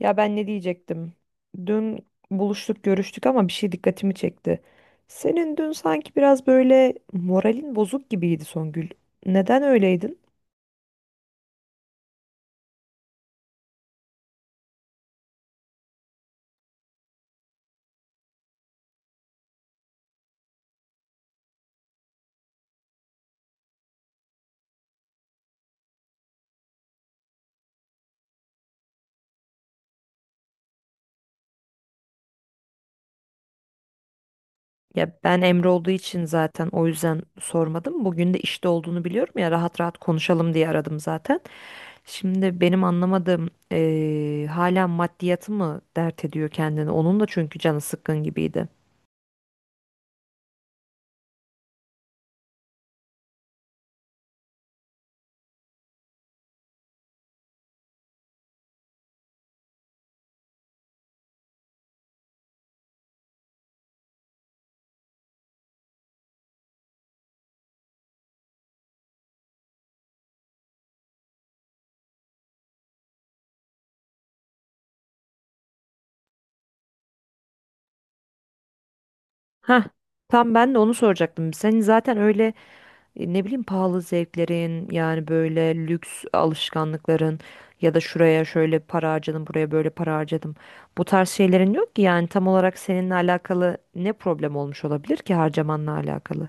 Ya ben ne diyecektim? Dün buluştuk, görüştük ama bir şey dikkatimi çekti. Senin dün sanki biraz böyle moralin bozuk gibiydi Songül. Neden öyleydin? Ya ben Emre olduğu için zaten o yüzden sormadım. Bugün de işte olduğunu biliyorum ya rahat rahat konuşalım diye aradım zaten. Şimdi benim anlamadığım hala maddiyatı mı dert ediyor kendini? Onun da çünkü canı sıkkın gibiydi. Hah, tam ben de onu soracaktım. Senin zaten öyle ne bileyim pahalı zevklerin yani böyle lüks alışkanlıkların ya da şuraya şöyle para harcadım buraya böyle para harcadım. Bu tarz şeylerin yok ki yani tam olarak seninle alakalı ne problem olmuş olabilir ki harcamanla alakalı.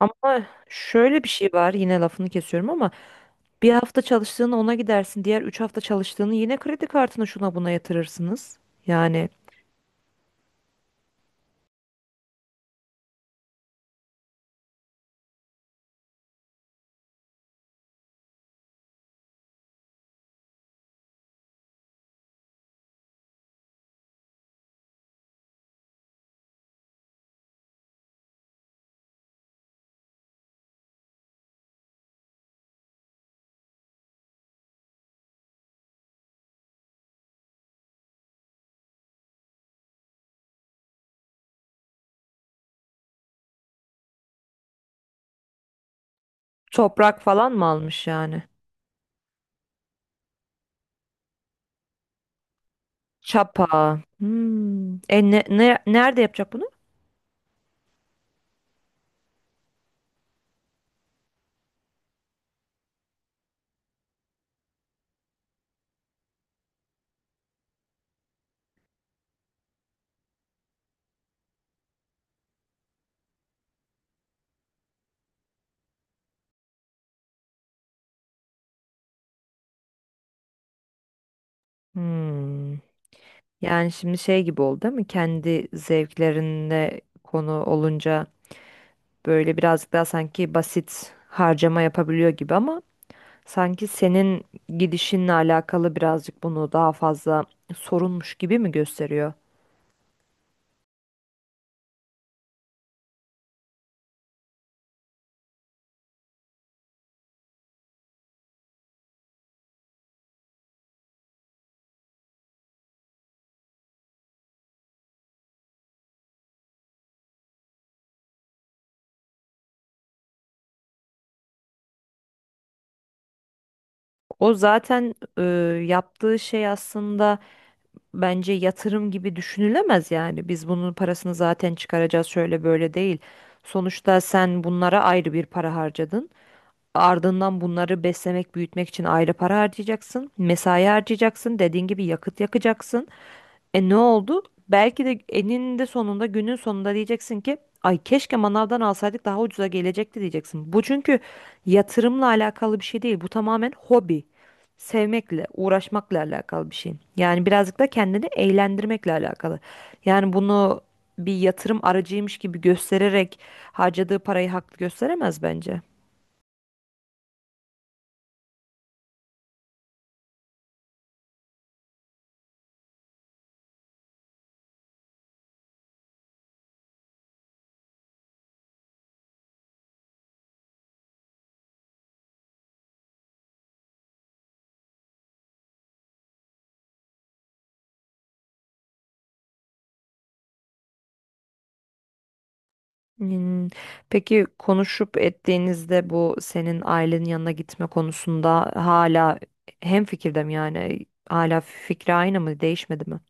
Ama şöyle bir şey var yine lafını kesiyorum ama bir hafta çalıştığını ona gidersin diğer 3 hafta çalıştığını yine kredi kartına şuna buna yatırırsınız. Yani toprak falan mı almış yani? Çapa. Hmm. Nerede yapacak bunu? Hmm. Yani şimdi şey gibi oldu değil mi? Kendi zevklerinde konu olunca böyle birazcık daha sanki basit harcama yapabiliyor gibi ama sanki senin gidişinle alakalı birazcık bunu daha fazla sorunmuş gibi mi gösteriyor? O zaten yaptığı şey aslında bence yatırım gibi düşünülemez yani. Biz bunun parasını zaten çıkaracağız şöyle böyle değil. Sonuçta sen bunlara ayrı bir para harcadın. Ardından bunları beslemek, büyütmek için ayrı para harcayacaksın. Mesai harcayacaksın. Dediğin gibi yakıt yakacaksın. E ne oldu? Belki de eninde sonunda günün sonunda diyeceksin ki ay keşke manavdan alsaydık daha ucuza gelecekti diyeceksin. Bu çünkü yatırımla alakalı bir şey değil. Bu tamamen hobi. Sevmekle, uğraşmakla alakalı bir şey. Yani birazcık da kendini eğlendirmekle alakalı. Yani bunu bir yatırım aracıymış gibi göstererek harcadığı parayı haklı gösteremez bence. Hmm, peki konuşup ettiğinizde bu senin ailenin yanına gitme konusunda hala hemfikirde mi yani? Hala fikri aynı mı? Değişmedi mi?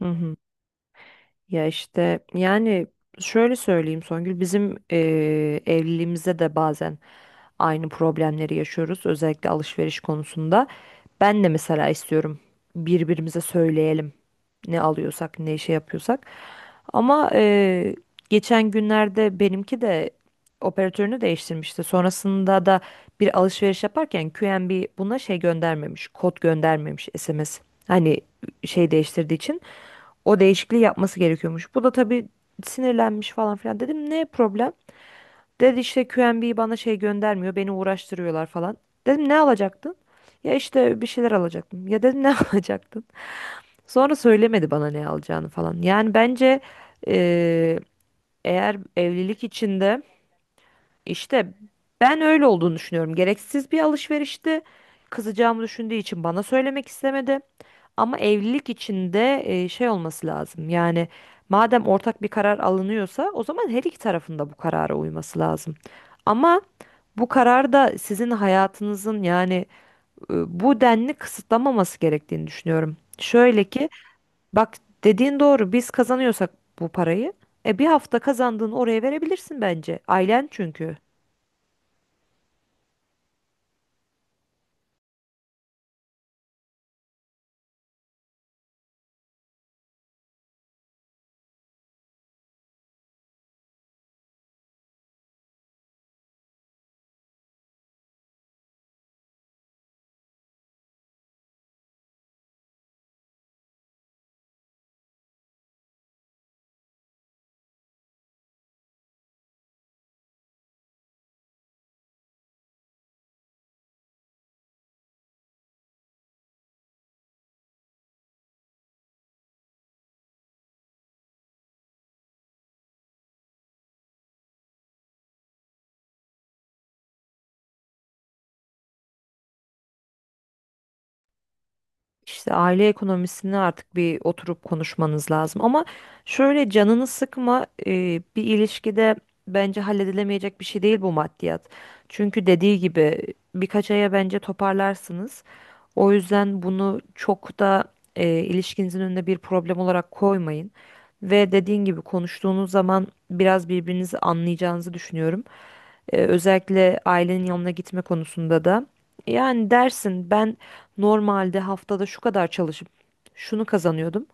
Hı hı. Ya işte yani şöyle söyleyeyim Songül, bizim evliliğimizde de bazen aynı problemleri yaşıyoruz, özellikle alışveriş konusunda. Ben de mesela istiyorum birbirimize söyleyelim ne alıyorsak ne şey yapıyorsak. Ama geçen günlerde benimki de operatörünü değiştirmişti. Sonrasında da bir alışveriş yaparken QNB buna şey göndermemiş, kod göndermemiş SMS. Hani şey değiştirdiği için. O değişikliği yapması gerekiyormuş. Bu da tabii sinirlenmiş falan filan. Dedim ne problem? Dedi işte QNB bana şey göndermiyor. Beni uğraştırıyorlar falan. Dedim ne alacaktın? Ya işte bir şeyler alacaktım. Ya dedim ne alacaktın? Sonra söylemedi bana ne alacağını falan. Yani bence eee, eğer evlilik içinde işte ben öyle olduğunu düşünüyorum. Gereksiz bir alışverişti. Kızacağımı düşündüğü için bana söylemek istemedi. Ama evlilik içinde şey olması lazım. Yani madem ortak bir karar alınıyorsa o zaman her iki tarafın da bu karara uyması lazım. Ama bu karar da sizin hayatınızın yani e, bu denli kısıtlamaması gerektiğini düşünüyorum. Şöyle ki bak, dediğin doğru, biz kazanıyorsak bu parayı e bir hafta kazandığını oraya verebilirsin bence. Ailen çünkü. İşte aile ekonomisini artık bir oturup konuşmanız lazım. Ama şöyle canını sıkma, bir ilişkide bence halledilemeyecek bir şey değil bu maddiyat. Çünkü dediği gibi birkaç aya bence toparlarsınız. O yüzden bunu çok da ilişkinizin önüne bir problem olarak koymayın. Ve dediğin gibi konuştuğunuz zaman biraz birbirinizi anlayacağınızı düşünüyorum. Özellikle ailenin yanına gitme konusunda da. Yani dersin ben normalde haftada şu kadar çalışıp şunu kazanıyordum.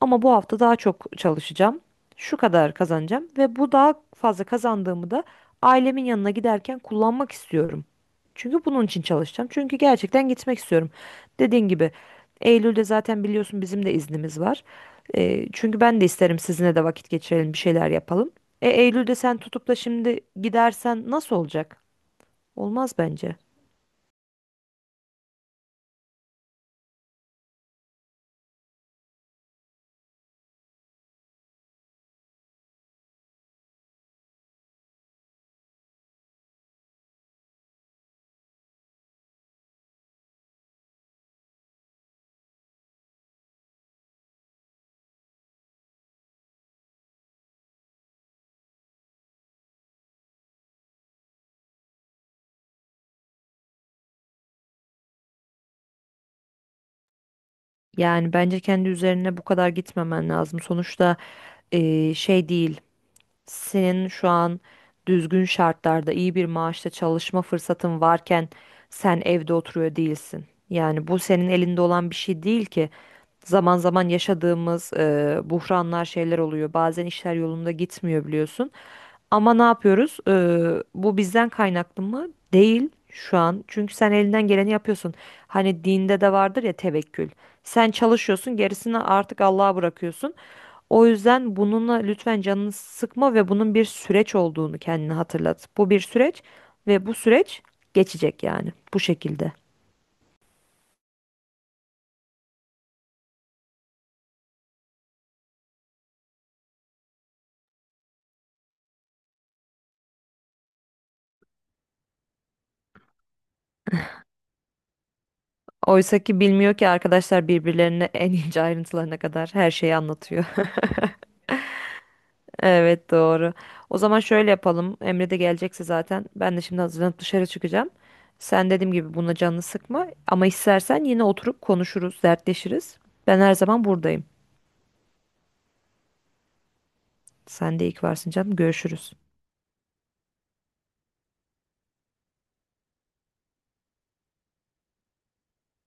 Ama bu hafta daha çok çalışacağım. Şu kadar kazanacağım ve bu daha fazla kazandığımı da ailemin yanına giderken kullanmak istiyorum. Çünkü bunun için çalışacağım. Çünkü gerçekten gitmek istiyorum. Dediğin gibi Eylül'de zaten biliyorsun bizim de iznimiz var. Çünkü ben de isterim sizinle de vakit geçirelim, bir şeyler yapalım. E Eylül'de sen tutup da şimdi gidersen nasıl olacak? Olmaz bence. Yani bence kendi üzerine bu kadar gitmemen lazım. Sonuçta şey değil. Senin şu an düzgün şartlarda iyi bir maaşta çalışma fırsatın varken sen evde oturuyor değilsin. Yani bu senin elinde olan bir şey değil ki. Zaman zaman yaşadığımız buhranlar şeyler oluyor. Bazen işler yolunda gitmiyor biliyorsun. Ama ne yapıyoruz? Bu bizden kaynaklı mı? Değil şu an. Çünkü sen elinden geleni yapıyorsun. Hani dinde de vardır ya tevekkül. Sen çalışıyorsun, gerisini artık Allah'a bırakıyorsun. O yüzden bununla lütfen canını sıkma ve bunun bir süreç olduğunu kendine hatırlat. Bu bir süreç ve bu süreç geçecek yani bu şekilde. Oysa ki bilmiyor ki arkadaşlar birbirlerine en ince ayrıntılarına kadar her şeyi anlatıyor. Evet, doğru. O zaman şöyle yapalım. Emre de gelecekse zaten ben de şimdi hazırlanıp dışarı çıkacağım. Sen dediğim gibi buna canını sıkma ama istersen yine oturup konuşuruz, dertleşiriz. Ben her zaman buradayım. Sen de iyi ki varsın canım. Görüşürüz.